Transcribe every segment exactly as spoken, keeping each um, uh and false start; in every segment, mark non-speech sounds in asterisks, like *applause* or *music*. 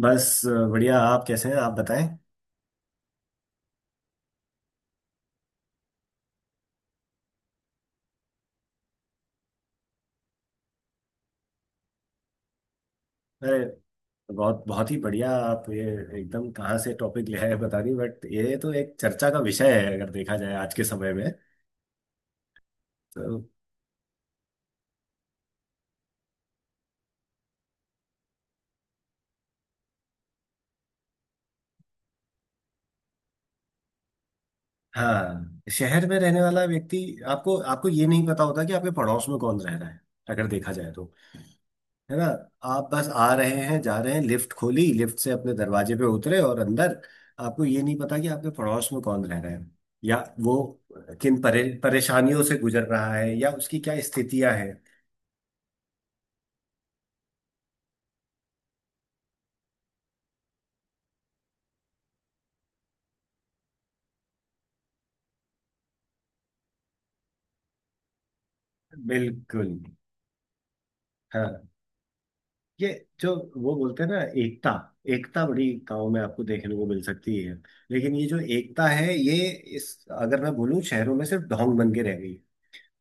बस। बढ़िया। आप कैसे हैं आप बताएं। अरे, बहुत बहुत ही बढ़िया। आप ये एकदम कहाँ से टॉपिक ले आए बता दी, बट ये तो एक चर्चा का विषय है अगर देखा जाए आज के समय में। तो हाँ, शहर में रहने वाला व्यक्ति, आपको आपको ये नहीं पता होता कि आपके पड़ोस में कौन रह रहा है अगर देखा जाए तो, है ना। आप बस आ रहे हैं, जा रहे हैं, लिफ्ट खोली, लिफ्ट से अपने दरवाजे पे उतरे और अंदर। आपको ये नहीं पता कि आपके पड़ोस में कौन रह रहा है, या वो किन परे, परेशानियों से गुजर रहा है, या उसकी क्या स्थितियां हैं। बिल्कुल। हाँ, ये जो वो बोलते हैं ना, एकता। एकता बड़ी गाँव में आपको देखने को मिल सकती है। लेकिन ये जो एकता है ये, इस अगर मैं बोलूँ शहरों में सिर्फ ढोंग बन के रह गई है।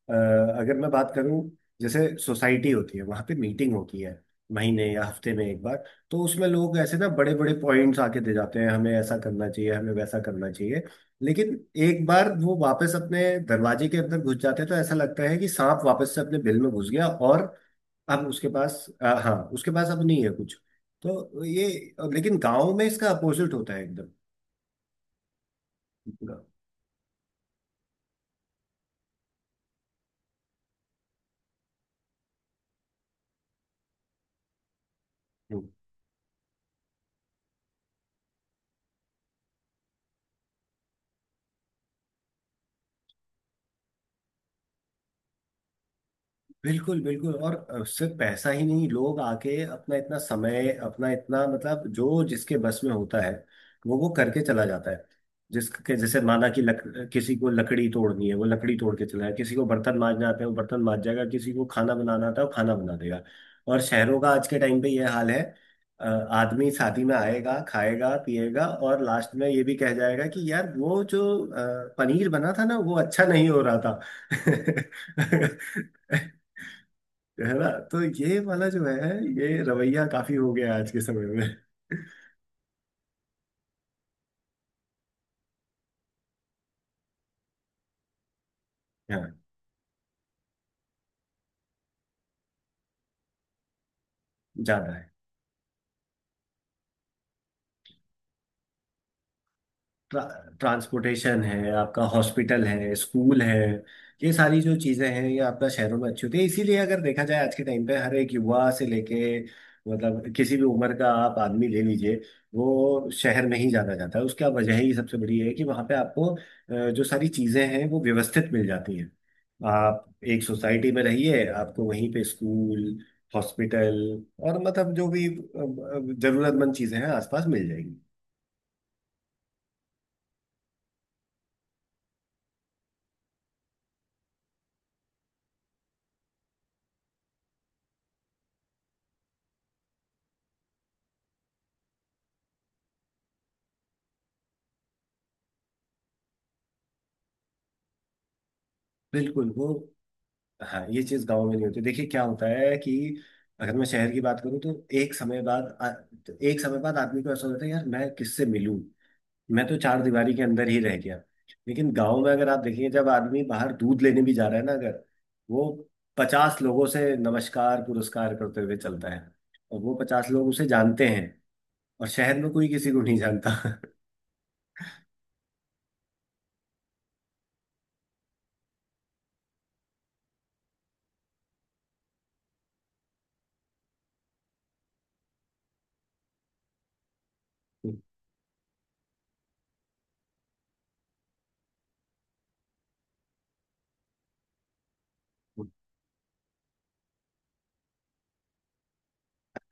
अ, अगर मैं बात करूं, जैसे सोसाइटी होती है, वहां पे मीटिंग होती है महीने या हफ्ते में एक बार। तो उसमें लोग ऐसे ना बड़े बड़े पॉइंट्स आके दे जाते हैं, हमें ऐसा करना चाहिए, हमें वैसा करना चाहिए। लेकिन एक बार वो वापस अपने दरवाजे के अंदर घुस जाते हैं तो ऐसा लगता है कि सांप वापस से अपने बिल में घुस गया, और अब उसके पास, अ, हाँ, उसके पास अब नहीं है कुछ। तो ये, लेकिन गाँव में इसका अपोजिट होता है। एकदम। बिल्कुल बिल्कुल। और अ, सिर्फ पैसा ही नहीं, लोग आके अपना इतना समय, अपना इतना, मतलब जो जिसके बस में होता है वो वो करके चला जाता है। जिसके जैसे, माना कि लक, किसी को लकड़ी तोड़नी है वो लकड़ी तोड़ के चला जाए, किसी को बर्तन मांजना आता है वो बर्तन मांज जाएगा, किसी को खाना बनाना आता है वो खाना बना देगा। और शहरों का आज के टाइम पे ये हाल है। अ, आदमी शादी में आएगा, खाएगा, पिएगा और लास्ट में ये भी कह जाएगा कि यार वो जो अ, पनीर बना था ना वो अच्छा नहीं हो रहा था। *laughs* है ना, तो ये वाला जो है, ये रवैया काफी हो गया आज के समय में। हाँ, ज्यादा है। ट्रा, ट्रांसपोर्टेशन है, आपका हॉस्पिटल है, स्कूल है। ये सारी जो चीज़ें हैं ये आपका शहरों में अच्छी होती है, इसीलिए अगर देखा जाए आज के टाइम पे हर एक युवा से लेके मतलब किसी भी उम्र का आप आदमी ले लीजिए, वो शहर में ही जाना चाहता है। उसका वजह ही सबसे बड़ी है कि वहाँ पे आपको अ, जो सारी चीज़ें हैं वो व्यवस्थित मिल जाती हैं। आप एक सोसाइटी में रहिए, आपको वहीं पे स्कूल, हॉस्पिटल और मतलब जो भी अ, अ, जरूरतमंद चीज़ें हैं आसपास मिल जाएंगी। बिल्कुल वो, हाँ, ये चीज गांव में नहीं होती। देखिए क्या होता है कि अगर मैं शहर की बात करूँ तो एक समय बाद आ- तो एक समय बाद आदमी को ऐसा होता है यार मैं किससे मिलूं, मैं तो चार दीवारी के अंदर ही रह गया। लेकिन गांव में अगर आप देखेंगे, जब आदमी बाहर दूध लेने भी जा रहा है ना, अगर वो पचास लोगों से नमस्कार पुरस्कार करते हुए चलता है, और वो पचास लोग उसे जानते हैं। और शहर में कोई किसी को नहीं जानता। *laughs*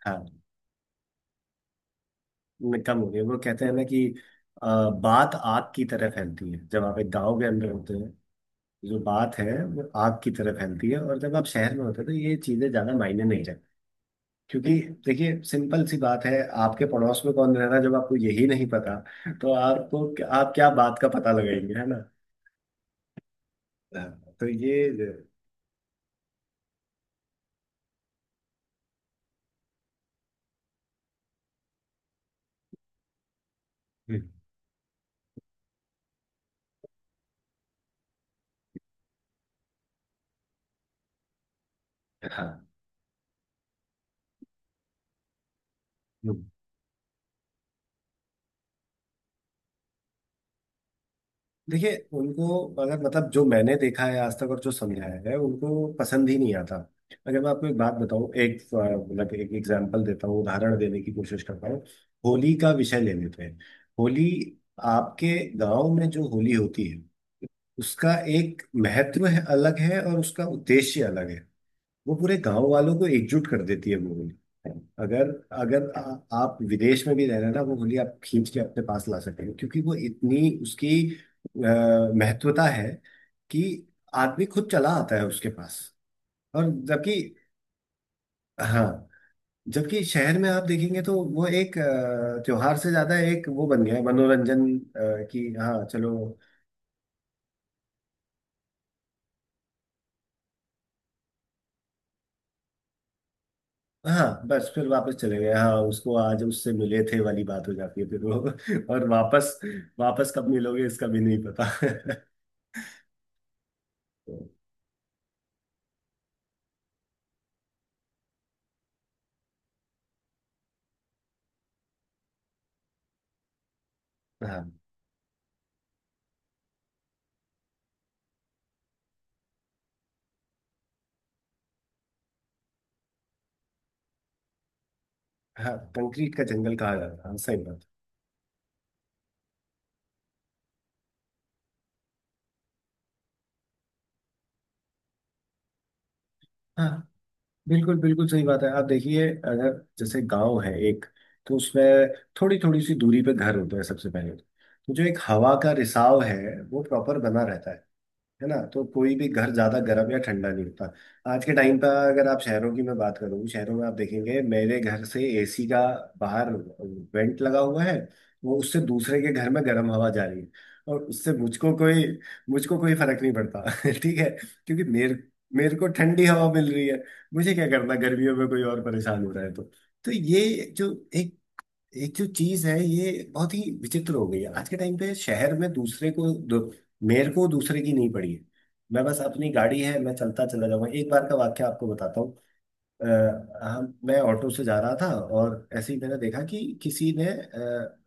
हाँ। न- कम हो गया। वो कहते हैं ना कि अ, बात आग की तरह फैलती है जब आप एक गांव के अंदर होते हैं। जो बात है वो आग की तरह फैलती है, और जब आप शहर में होते हैं तो ये चीजें ज्यादा मायने नहीं रखती, क्योंकि देखिए सिंपल सी बात है, आपके पड़ोस में कौन रह रहा है जब आपको यही नहीं पता तो आपको, आप क्या बात का पता लगाएंगे, है ना। हाँ, तो ये। हम्म, हाँ। हम्म। देखिए उनको, अगर मतलब जो मैंने देखा है आज तक और जो समझाया है उनको पसंद ही नहीं आता। अगर मैं आपको एक बात बताऊं, एक अ, मतलब एक एग्जांपल देता हूँ, उदाहरण देने की कोशिश करता हूँ। होली का विषय ले लेते हैं। होली, आपके गांव में जो होली होती है उसका एक महत्व है, अलग है, और उसका उद्देश्य अलग है। वो पूरे गांव वालों को एकजुट कर देती है वो होली। अगर अगर आ, आप विदेश में भी रह रहे हैं ना, वो होली आप खींच के अपने पास ला सकते हैं, क्योंकि वो इतनी, उसकी अ, महत्वता है कि आदमी खुद चला आता है उसके पास। और जबकि, हाँ, जबकि शहर में आप देखेंगे तो वो एक अ, त्योहार से ज्यादा एक वो बन गया है मनोरंजन, अ, कि हाँ चलो। हाँ, बस फिर वापस चले गए। हाँ, उसको आज उससे मिले थे वाली बात हो जाती है फिर वो। *laughs* और वापस, वापस कब मिलोगे इसका भी नहीं पता। *laughs* तो, हाँ हाँ, कंक्रीट का जंगल कहा जाता है। हाँ, सही बात। हाँ, बिल्कुल बिल्कुल सही बात है। आप देखिए, अगर जैसे गांव है एक, तो उसमें थोड़ी थोड़ी सी दूरी पे घर होते हैं, सबसे पहले तो जो एक हवा का रिसाव है वो प्रॉपर बना रहता है। है ना, तो कोई भी घर ज्यादा गर्म या ठंडा नहीं होता। आज के टाइम पर अगर आप शहरों की मैं बात करूँ, शहरों में आप देखेंगे मेरे घर से एसी का बाहर वेंट लगा हुआ है, वो उससे दूसरे के घर में गर्म हवा जा रही है, और उससे मुझको कोई मुझको कोई फर्क नहीं पड़ता। *laughs* ठीक है, क्योंकि मेरे मेरे को ठंडी हवा मिल रही है। मुझे क्या करना, गर्मियों में कोई और परेशान हो रहा है तो। तो ये जो एक, एक जो चीज है ये बहुत ही विचित्र हो गई है आज के टाइम पे शहर में। दूसरे को दो, मेरे को दूसरे की नहीं पड़ी है। मैं बस, अपनी गाड़ी है मैं चलता चला जाऊंगा। एक बार का वाक्य आपको बताता हूँ। अ, हम मैं ऑटो से जा रहा था, और ऐसे ही मैंने देखा कि किसी ने अ,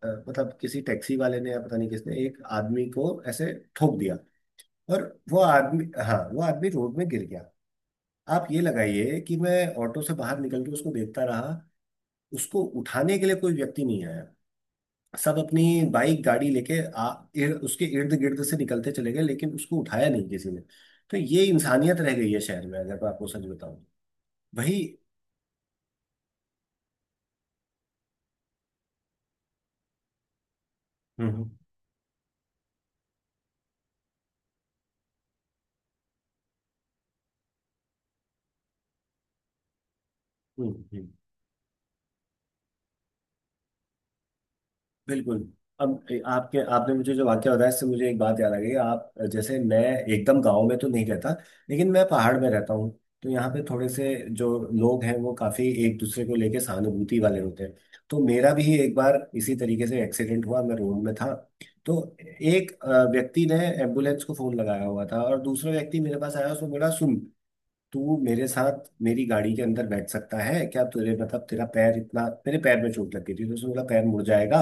अ, मतलब किसी टैक्सी वाले ने या पता नहीं किसने एक आदमी को ऐसे ठोक दिया। और वो आदमी हाँ, वो आदमी रोड में गिर गया। आप ये लगाइए कि मैं ऑटो से बाहर निकल के उसको देखता रहा, उसको उठाने के लिए कोई व्यक्ति नहीं आया। सब अपनी बाइक गाड़ी लेके आ इर, उसके इर्द गिर्द से निकलते चले गए, लेकिन उसको उठाया नहीं किसी ने। तो ये इंसानियत रह गई है शहर में, अगर मैं आपको सच बताऊं। वही। हम्म हम्म हम्म, बिल्कुल। अब ए- आपके आपने मुझे जो वाक्य बताया इससे मुझे एक बात याद आ गई। आप, जैसे मैं एकदम गांव में तो नहीं रहता, लेकिन मैं पहाड़ में रहता हूँ। तो यहाँ पे थोड़े से जो लोग हैं वो काफी एक दूसरे को लेके सहानुभूति वाले होते हैं। तो मेरा भी एक बार इसी तरीके से एक्सीडेंट हुआ, मैं रोड में था। तो एक अ, व्यक्ति ने एम्बुलेंस को फोन लगाया हुआ था, और दूसरा व्यक्ति मेरे पास आया, उसने बोला सुन, तू मेरे साथ मेरी गाड़ी के अंदर बैठ सकता है क्या, तुझे मतलब तेरा पैर इतना, मेरे पैर में चोट लग गई थी तो उसने बोला पैर मुड़ जाएगा।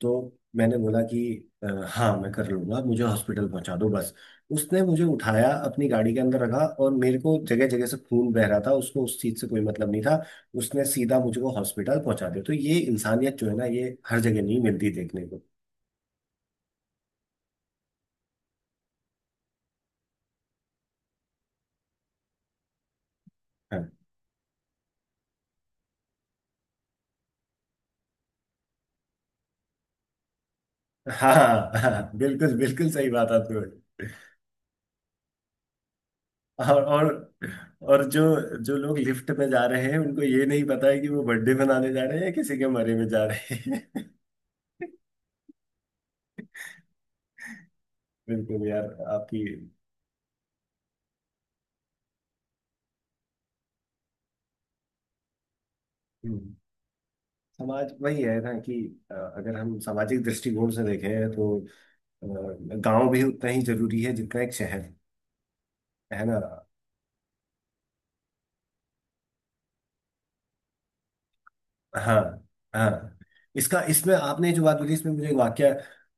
तो मैंने बोला कि "अ, हाँ, मैं कर लूंगा, मुझे हॉस्पिटल पहुंचा दो बस।" उसने मुझे उठाया, अपनी गाड़ी के अंदर रखा और मेरे को जगह जगह से खून बह रहा था, उसको उस चीज से कोई मतलब नहीं था। उसने सीधा मुझको हॉस्पिटल पहुंचा दिया। तो ये इंसानियत जो है ना, ये हर जगह नहीं मिलती देखने को। हाँ हाँ हाँ, बिल्कुल बिल्कुल सही बात आपने बोली। और और और जो जो लोग लिफ्ट में जा रहे हैं उनको ये नहीं पता है कि वो बर्थडे मनाने जा रहे हैं या किसी के मरे में जा रहे हैं। *laughs* बिल्कुल यार आपकी। हम्म। समाज वही है ना, कि अ, अगर हम सामाजिक दृष्टिकोण से देखें तो, अ, गांव भी उतना ही जरूरी है जितना एक शहर, है ना। हाँ हाँ। इसका इसमें आपने जो बात बोली, इसमें मुझे एक वाक्य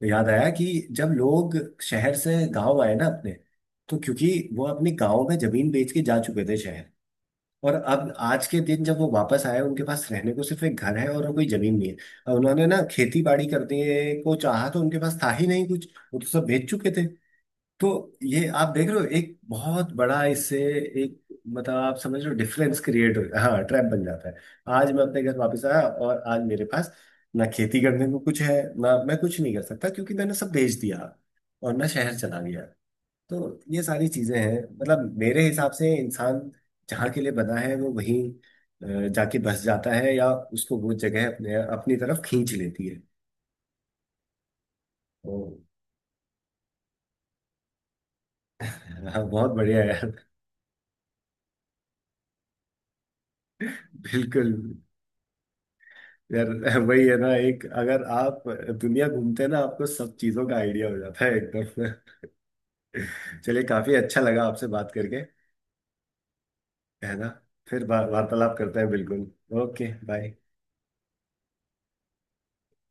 याद आया कि जब लोग शहर से गांव आए ना अपने, तो क्योंकि वो अपने गांव में जमीन बेच के जा चुके थे शहर। और अब आज के दिन जब वो वापस आए, उनके पास रहने को सिर्फ एक घर है और कोई जमीन नहीं है। और उन्होंने ना खेती बाड़ी करने को चाहा तो उनके पास था ही नहीं कुछ, वो तो सब बेच चुके थे। तो ये आप देख रहे हो एक बहुत बड़ा इससे, एक, मतलब आप समझ रहे हो डिफरेंस क्रिएट हो, हाँ ट्रैप बन जाता है। आज मैं अपने घर वापस आया और आज मेरे पास ना खेती करने को कुछ है, ना मैं कुछ नहीं कर सकता क्योंकि मैंने सब बेच दिया और मैं शहर चला गया। तो ये सारी चीजें हैं, मतलब मेरे हिसाब से इंसान जहाँ के लिए बना है वो वहीं अ, जाके बस जाता है, या उसको वो जगह अपने अपनी तरफ खींच लेती है। तो, हाँ, बहुत बढ़िया है। *laughs* बिल्कुल यार। *laughs* वही है ना, एक अगर आप दुनिया घूमते हैं ना, आपको सब चीजों का आइडिया हो जाता है एकदम। *laughs* चलिए, काफी अच्छा लगा आपसे बात करके, है ना। फिर बा- वार्तालाप करते हैं, बिल्कुल। Okay, bye.